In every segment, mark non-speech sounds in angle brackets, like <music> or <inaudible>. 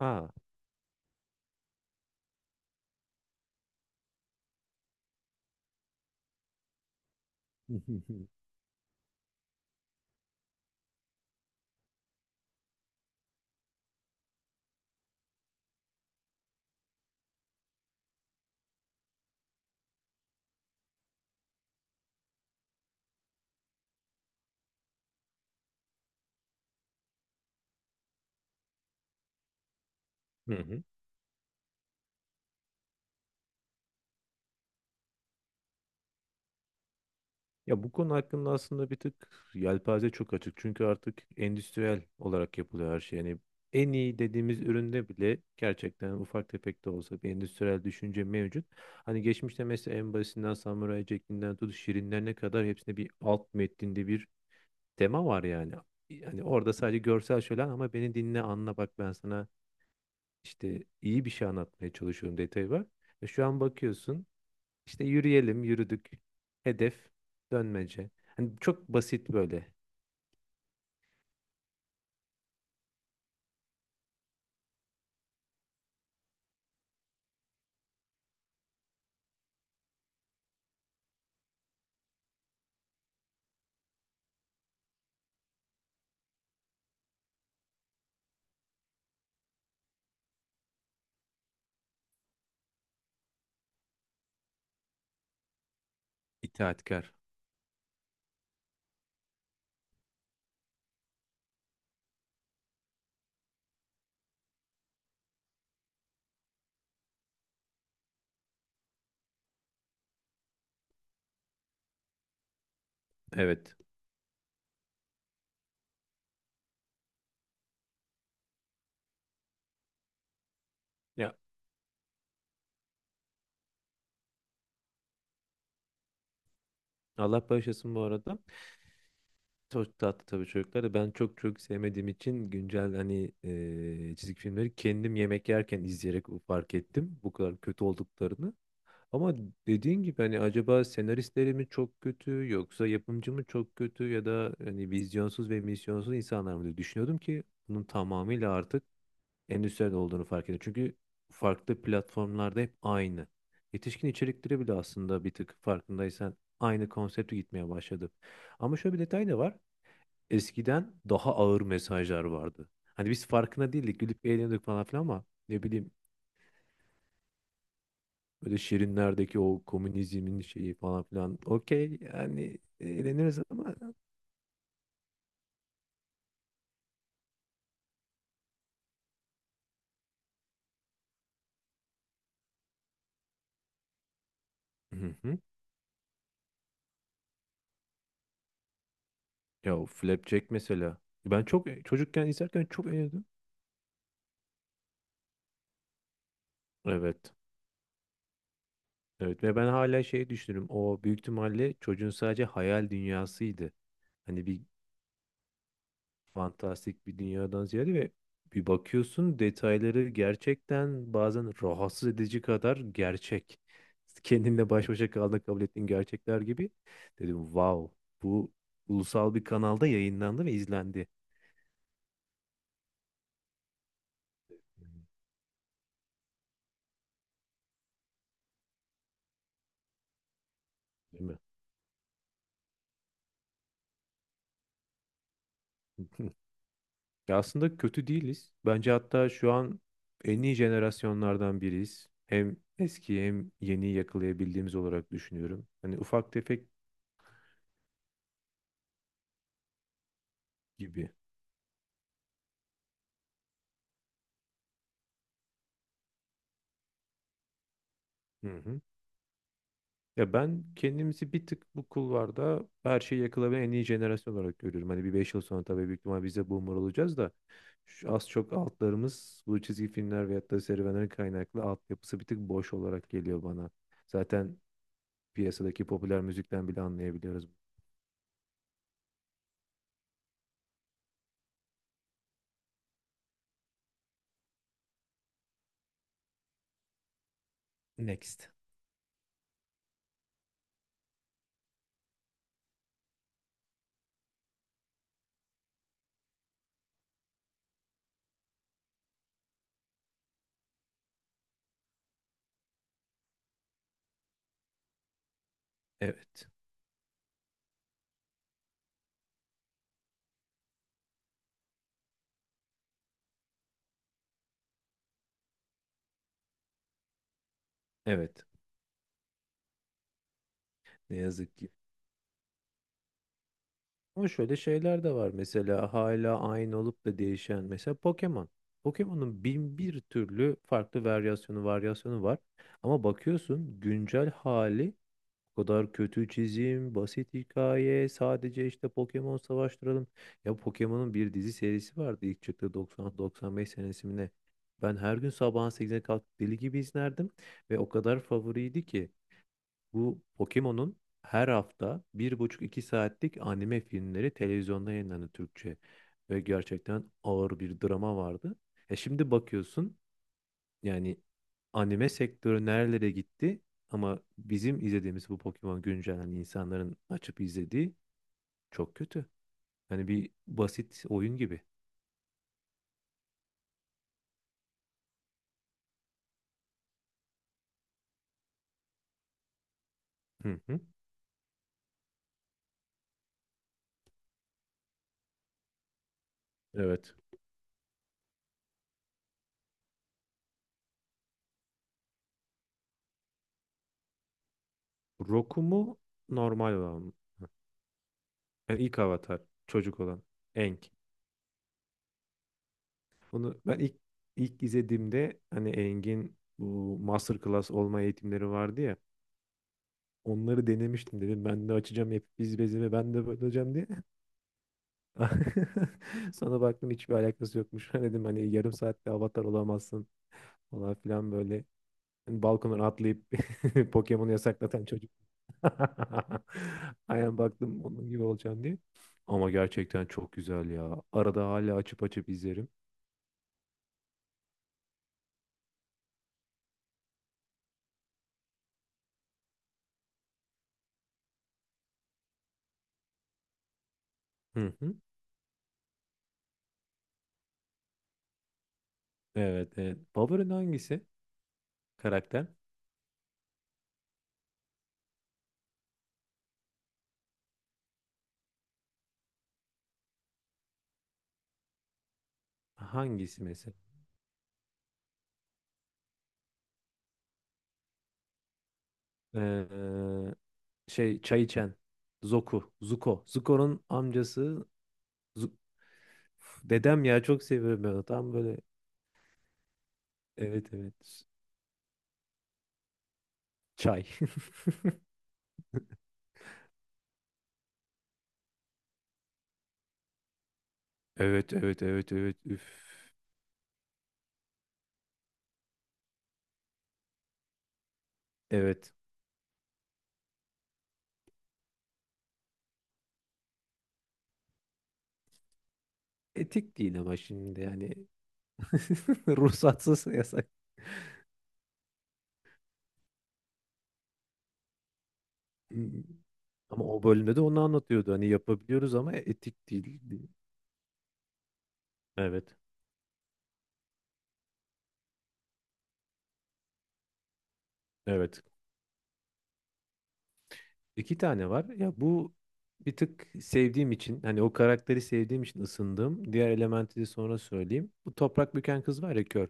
Ha. <laughs> Hı hı. Ya bu konu hakkında aslında bir tık yelpaze çok açık. Çünkü artık endüstriyel olarak yapılıyor her şey. Yani en iyi dediğimiz üründe bile gerçekten ufak tefek de olsa bir endüstriyel düşünce mevcut. Hani geçmişte mesela en basitinden Samuray Jack'inden tut Şirinlerine kadar hepsinde bir alt metninde bir tema var yani. Yani orada sadece görsel şölen ama beni dinle anla bak ben sana işte iyi bir şey anlatmaya çalışıyorum detayı var. E şu an bakıyorsun, İşte yürüyelim, yürüdük. Hedef dönmece. Hani çok basit böyle. İtaatkar. Evet. Ya Allah bağışlasın bu arada. Çok tatlı tabii çocuklar da ben çok çok sevmediğim için güncel hani çizgi filmleri kendim yemek yerken izleyerek fark ettim bu kadar kötü olduklarını. Ama dediğin gibi hani acaba senaristleri mi çok kötü yoksa yapımcı mı çok kötü ya da hani vizyonsuz ve misyonsuz insanlar mı diye düşünüyordum ki bunun tamamıyla artık endüstriyel olduğunu fark ediyor. Çünkü farklı platformlarda hep aynı. Yetişkin içerikleri bile aslında bir tık farkındaysan aynı konsepte gitmeye başladı. Ama şöyle bir detay da var. Eskiden daha ağır mesajlar vardı. Hani biz farkına değildik, gülüp eğleniyorduk falan filan ama ne bileyim böyle şirinlerdeki o komünizmin şeyi falan filan. Okey yani eğleniriz ama... Hı hı. Ya o Flapjack mesela. Ben çok çocukken izlerken çok eğlendim. Evet. Evet ve ben hala şey düşünürüm. O büyük ihtimalle çocuğun sadece hayal dünyasıydı. Hani bir fantastik bir dünyadan ziyade ve bir bakıyorsun detayları gerçekten bazen rahatsız edici kadar gerçek. Kendinle baş başa kaldığında kabul ettiğin gerçekler gibi. Dedim wow, bu ulusal bir kanalda yayınlandı ve izlendi. Değil mi? <laughs> Ya aslında kötü değiliz. Bence hatta şu an en iyi jenerasyonlardan biriyiz. Hem eski hem yeniyi yakalayabildiğimiz olarak düşünüyorum. Hani ufak tefek gibi. Hı hı. Ya ben kendimizi bir tık bu kulvarda her şeyi yakalayan en iyi jenerasyon olarak görüyorum. Hani bir 5 yıl sonra tabii büyük ihtimal biz de boomer olacağız da şu az çok altlarımız bu çizgi filmler veyahut da serüvenlerin kaynaklı altyapısı bir tık boş olarak geliyor bana. Zaten piyasadaki popüler müzikten bile anlayabiliyoruz. Next. Evet. Evet. Ne yazık ki. Ama şöyle şeyler de var. Mesela hala aynı olup da değişen. Mesela Pokemon. Pokemon'un bin bir türlü farklı varyasyonu var. Ama bakıyorsun güncel hali o kadar kötü çizim, basit hikaye, sadece işte Pokemon savaştıralım. Ya Pokemon'un bir dizi serisi vardı ilk çıktığı 90-95 senesi mi ne? Ben her gün sabahın 8'e kalkıp deli gibi izlerdim ve o kadar favoriydi ki. Bu Pokemon'un her hafta bir buçuk 2 saatlik anime filmleri televizyonda yayınlandı Türkçe. Ve gerçekten ağır bir drama vardı. E şimdi bakıyorsun yani anime sektörü nerelere gitti ama bizim izlediğimiz bu Pokemon güncelen insanların açıp izlediği çok kötü. Yani bir basit oyun gibi. Hı hı. Evet. Roku mu normal olan mı? Yani ilk avatar çocuk olan. Aang. Onu ben ilk izlediğimde hani Engin bu masterclass olma eğitimleri vardı ya. Onları denemiştim dedim. Ben de açacağım hep biz bezimi ben de bakacağım diye. <laughs> Sonra baktım hiçbir alakası yokmuş. <laughs> Dedim hani yarım saatte avatar olamazsın falan filan böyle. Hani balkondan atlayıp... <laughs> Pokemon'u yasaklatan çocuk. <laughs> Aynen baktım onun gibi olacağım diye. Ama gerçekten çok güzel ya. Arada hala açıp açıp izlerim. Hı hı. Evet evet. Favorin hangisi? Karakter. Hangisi mesela? Ee, Şey çay içen. Zoku. Zuko. Zuko'nun amcası. Zu- Uf, dedem ya çok seviyorum ben onu. Tam böyle. Evet evet. Çay. <laughs> Evet evet evet evet. Üf. Evet. Etik değil ama şimdi yani. <laughs> Ruhsatsız yasak. Hmm. Ama o bölümde de onu anlatıyordu. Hani yapabiliyoruz ama etik değil diye. Evet. Evet. 2 tane var. Ya bu bir tık sevdiğim için hani o karakteri sevdiğim için ısındığım diğer elementi de sonra söyleyeyim. Bu toprak büken kız var ya kör.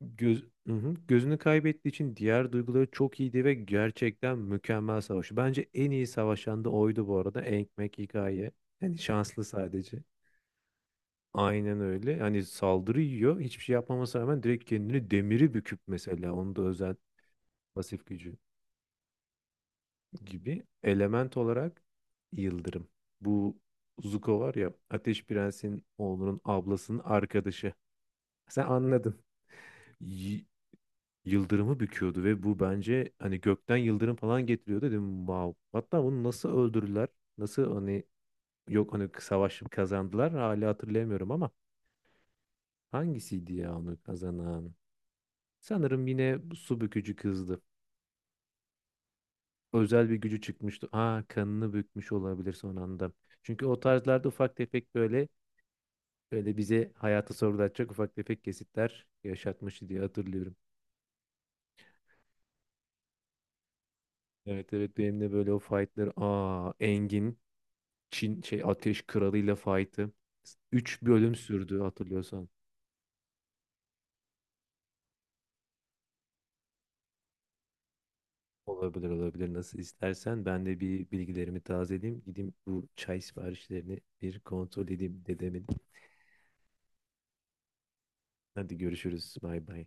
Göz, hı hı. Gözünü kaybettiği için diğer duyguları çok iyiydi ve gerçekten mükemmel savaşı. Bence en iyi savaşan da oydu bu arada. Ekmek hikaye. Yani şanslı sadece. Aynen öyle. Hani saldırı yiyor. Hiçbir şey yapmamasına rağmen direkt kendini demiri büküp mesela. Onun da özel pasif gücü. Gibi element olarak yıldırım. Bu Zuko var ya Ateş Prens'in oğlunun ablasının arkadaşı. Sen anladın. Y- Yıldırımı büküyordu ve bu bence hani gökten yıldırım falan getiriyordu dedim wow. Hatta bunu nasıl öldürdüler? Nasıl hani yok hani savaş kazandılar hala hatırlayamıyorum ama hangisiydi ya onu kazanan? Sanırım yine su bükücü kızdı. Özel bir gücü çıkmıştı. Aa kanını bükmüş olabilir son anda. Çünkü o tarzlarda ufak tefek böyle böyle bize hayatı sorgulatacak ufak tefek kesitler yaşatmıştı diye hatırlıyorum. Evet evet benim de böyle o fightları, aa Engin, Çin şey Ateş Kralı'yla fight'ı 3 bölüm sürdü hatırlıyorsan. Olabilir olabilir nasıl istersen ben de bir bilgilerimi tazeleyeyim gideyim bu çay siparişlerini bir kontrol edeyim dedemin. Hadi görüşürüz bay bay.